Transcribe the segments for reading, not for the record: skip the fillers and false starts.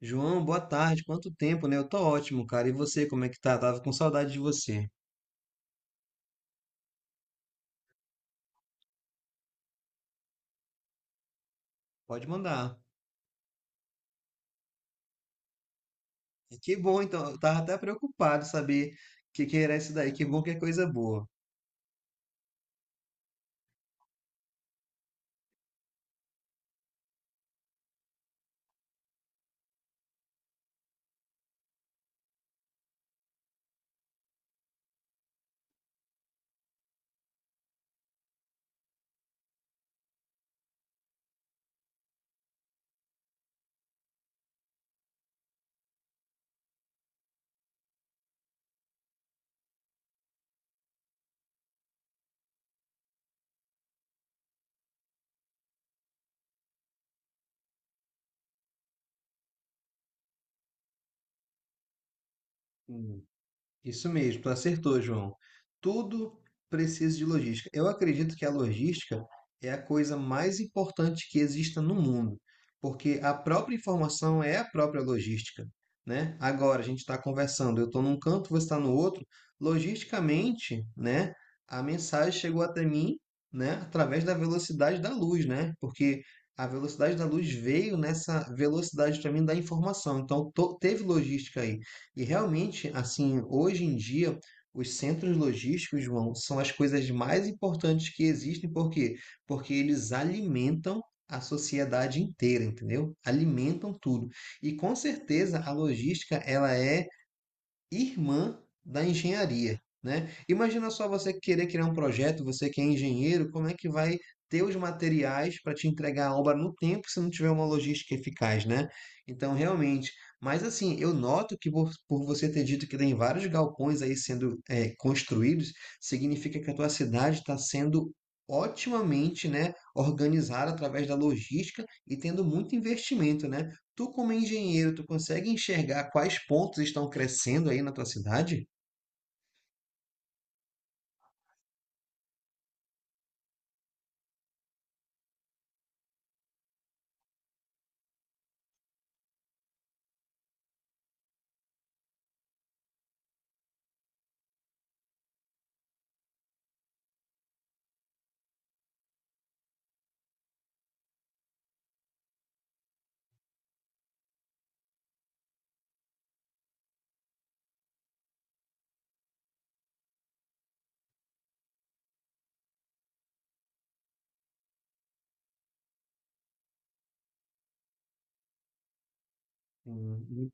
João, boa tarde. Quanto tempo, né? Eu tô ótimo, cara. E você, como é que tá? Tava com saudade de você. Pode mandar. Que bom, então. Eu tava até preocupado saber o que era isso daí. Que bom que é coisa boa. Hum. Isso mesmo, tu acertou, João. Tudo precisa de logística. Eu acredito que a logística é a coisa mais importante que exista no mundo, porque a própria informação é a própria logística, né? Agora a gente está conversando, eu estou num canto, você está no outro. Logisticamente, né? A mensagem chegou até mim, né? Através da velocidade da luz, né? Porque a velocidade da luz veio nessa velocidade para mim da informação. Então teve logística aí. E realmente, assim, hoje em dia, os centros logísticos, João, são as coisas mais importantes que existem, por quê? Porque eles alimentam a sociedade inteira, entendeu? Alimentam tudo. E com certeza a logística, ela é irmã da engenharia, né? Imagina só você querer criar um projeto, você que é engenheiro, como é que vai ter os materiais para te entregar a obra no tempo se não tiver uma logística eficaz, né? Então, realmente. Mas assim, eu noto que por você ter dito que tem vários galpões aí sendo construídos, significa que a tua cidade está sendo otimamente, né, organizada através da logística e tendo muito investimento, né? Tu, como engenheiro, tu consegue enxergar quais pontos estão crescendo aí na tua cidade? Hum.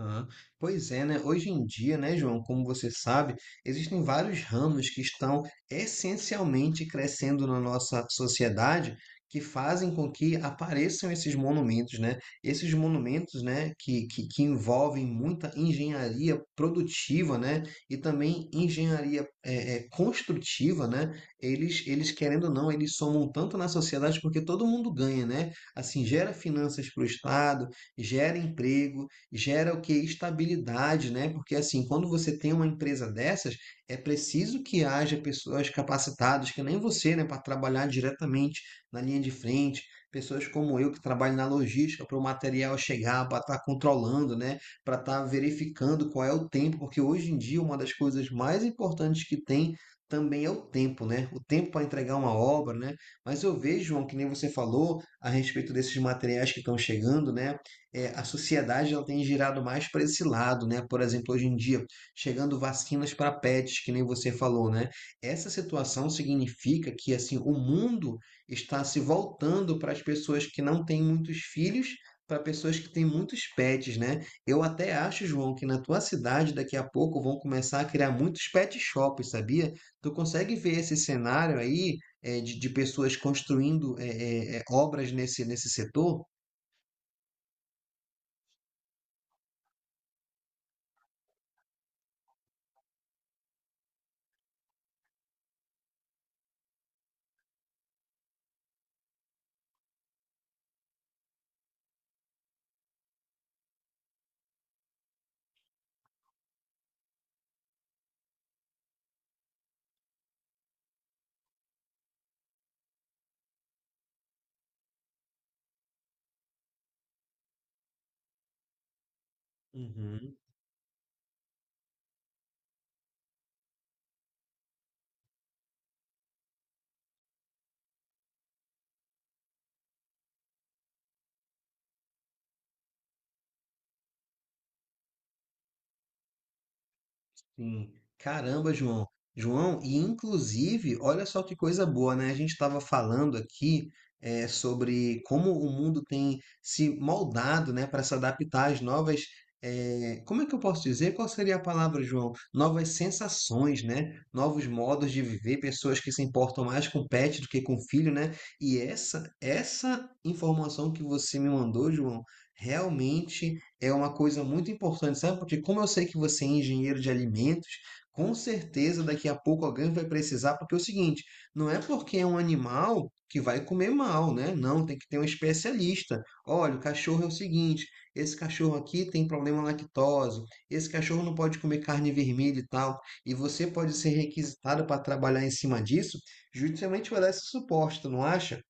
Aham. Pois é, né? Hoje em dia, né, João, como você sabe, existem vários ramos que estão essencialmente crescendo na nossa sociedade que fazem com que apareçam esses monumentos, né? Esses monumentos, né, que envolvem muita engenharia produtiva, né? E também engenharia construtiva, né? Querendo ou não, eles somam tanto na sociedade porque todo mundo ganha, né? Assim, gera finanças para o Estado, gera emprego, gera o que? Estabilidade, né? Porque assim, quando você tem uma empresa dessas, é preciso que haja pessoas capacitadas, que nem você, né, para trabalhar diretamente na linha de frente, pessoas como eu que trabalho na logística para o material chegar, para estar controlando, né, para estar verificando qual é o tempo, porque hoje em dia uma das coisas mais importantes que tem também é o tempo, né? O tempo para entregar uma obra, né? Mas eu vejo, João, que nem você falou a respeito desses materiais que estão chegando, né? A sociedade ela tem girado mais para esse lado, né? Por exemplo, hoje em dia, chegando vacinas para pets, que nem você falou, né? Essa situação significa que assim o mundo está se voltando para as pessoas que não têm muitos filhos, para pessoas que têm muitos pets, né? Eu até acho, João, que na tua cidade daqui a pouco vão começar a criar muitos pet shops, sabia? Tu consegue ver esse cenário aí de pessoas construindo obras nesse setor? Uhum. Sim. Caramba, João. João, e inclusive, olha só que coisa boa, né? A gente estava falando aqui sobre como o mundo tem se moldado, né, para se adaptar às novas. Como é que eu posso dizer? Qual seria a palavra, João? Novas sensações, né? Novos modos de viver, pessoas que se importam mais com pet do que com filho, né? E essa informação que você me mandou, João, realmente é uma coisa muito importante, sabe? Porque como eu sei que você é engenheiro de alimentos, com certeza daqui a pouco alguém vai precisar, porque é o seguinte, não é porque é um animal que vai comer mal, né? Não, tem que ter um especialista. Olha, o cachorro é o seguinte, esse cachorro aqui tem problema lactose, esse cachorro não pode comer carne vermelha e tal, e você pode ser requisitado para trabalhar em cima disso, justamente vai dar esse suporte, tu não acha?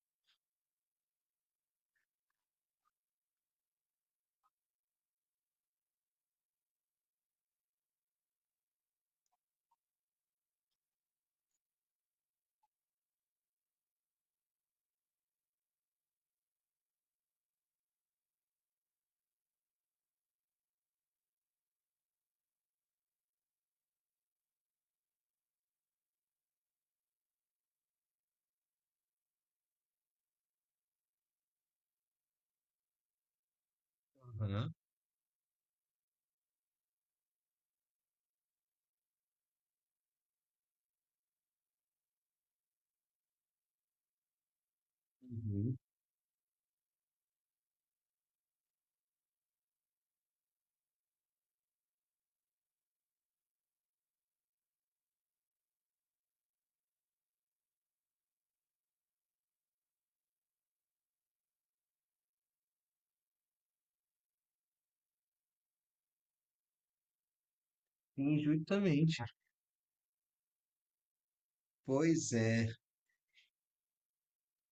Aham. Uhum. Sim, justamente. Pois é.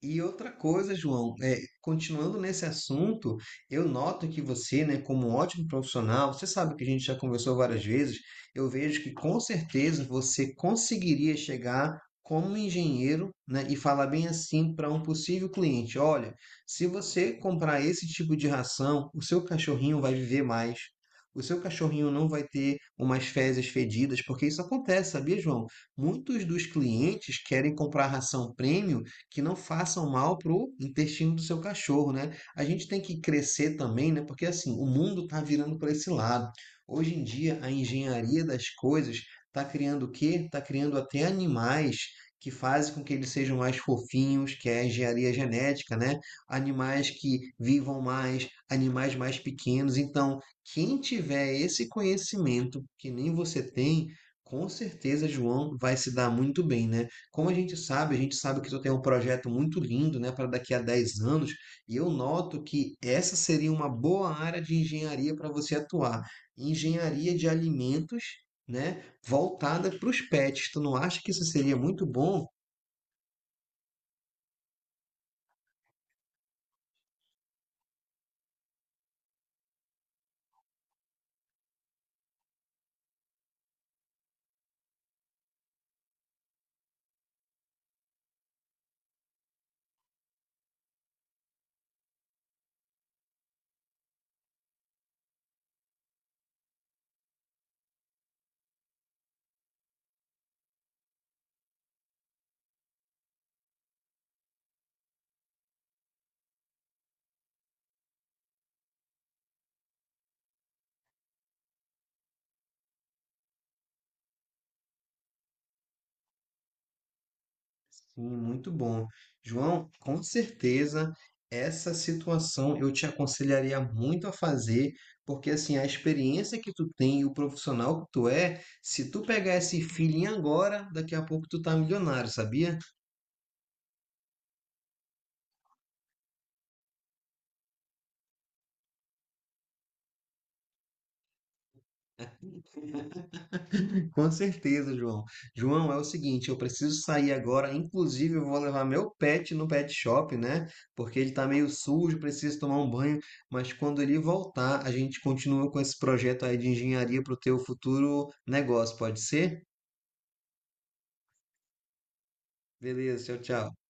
E outra coisa, João, continuando nesse assunto, eu noto que você, né, como um ótimo profissional, você sabe que a gente já conversou várias vezes, eu vejo que com certeza você conseguiria chegar como engenheiro, né, e falar bem assim para um possível cliente: olha, se você comprar esse tipo de ração, o seu cachorrinho vai viver mais. O seu cachorrinho não vai ter umas fezes fedidas, porque isso acontece, sabia, João? Muitos dos clientes querem comprar ração premium que não façam mal para o intestino do seu cachorro, né? A gente tem que crescer também, né? Porque assim, o mundo está virando para esse lado. Hoje em dia, a engenharia das coisas está criando o quê? Está criando até animais que fazem com que eles sejam mais fofinhos, que é a engenharia genética, né? Animais que vivam mais, animais mais pequenos. Então, quem tiver esse conhecimento que nem você tem, com certeza, João, vai se dar muito bem, né? Como a gente sabe que tu tem um projeto muito lindo, né, para daqui a 10 anos, e eu noto que essa seria uma boa área de engenharia para você atuar. Engenharia de alimentos, né, voltada para os pets. Tu não acha que isso seria muito bom? Sim, muito bom. João, com certeza essa situação eu te aconselharia muito a fazer, porque assim, a experiência que tu tem e o profissional que tu é, se tu pegar esse feeling agora, daqui a pouco tu tá milionário, sabia? Com certeza, João. João, é o seguinte, eu preciso sair agora. Inclusive, eu vou levar meu pet no pet shop, né? Porque ele tá meio sujo, preciso tomar um banho. Mas quando ele voltar, a gente continua com esse projeto aí de engenharia para o teu futuro negócio, pode ser? Beleza, tchau, tchau.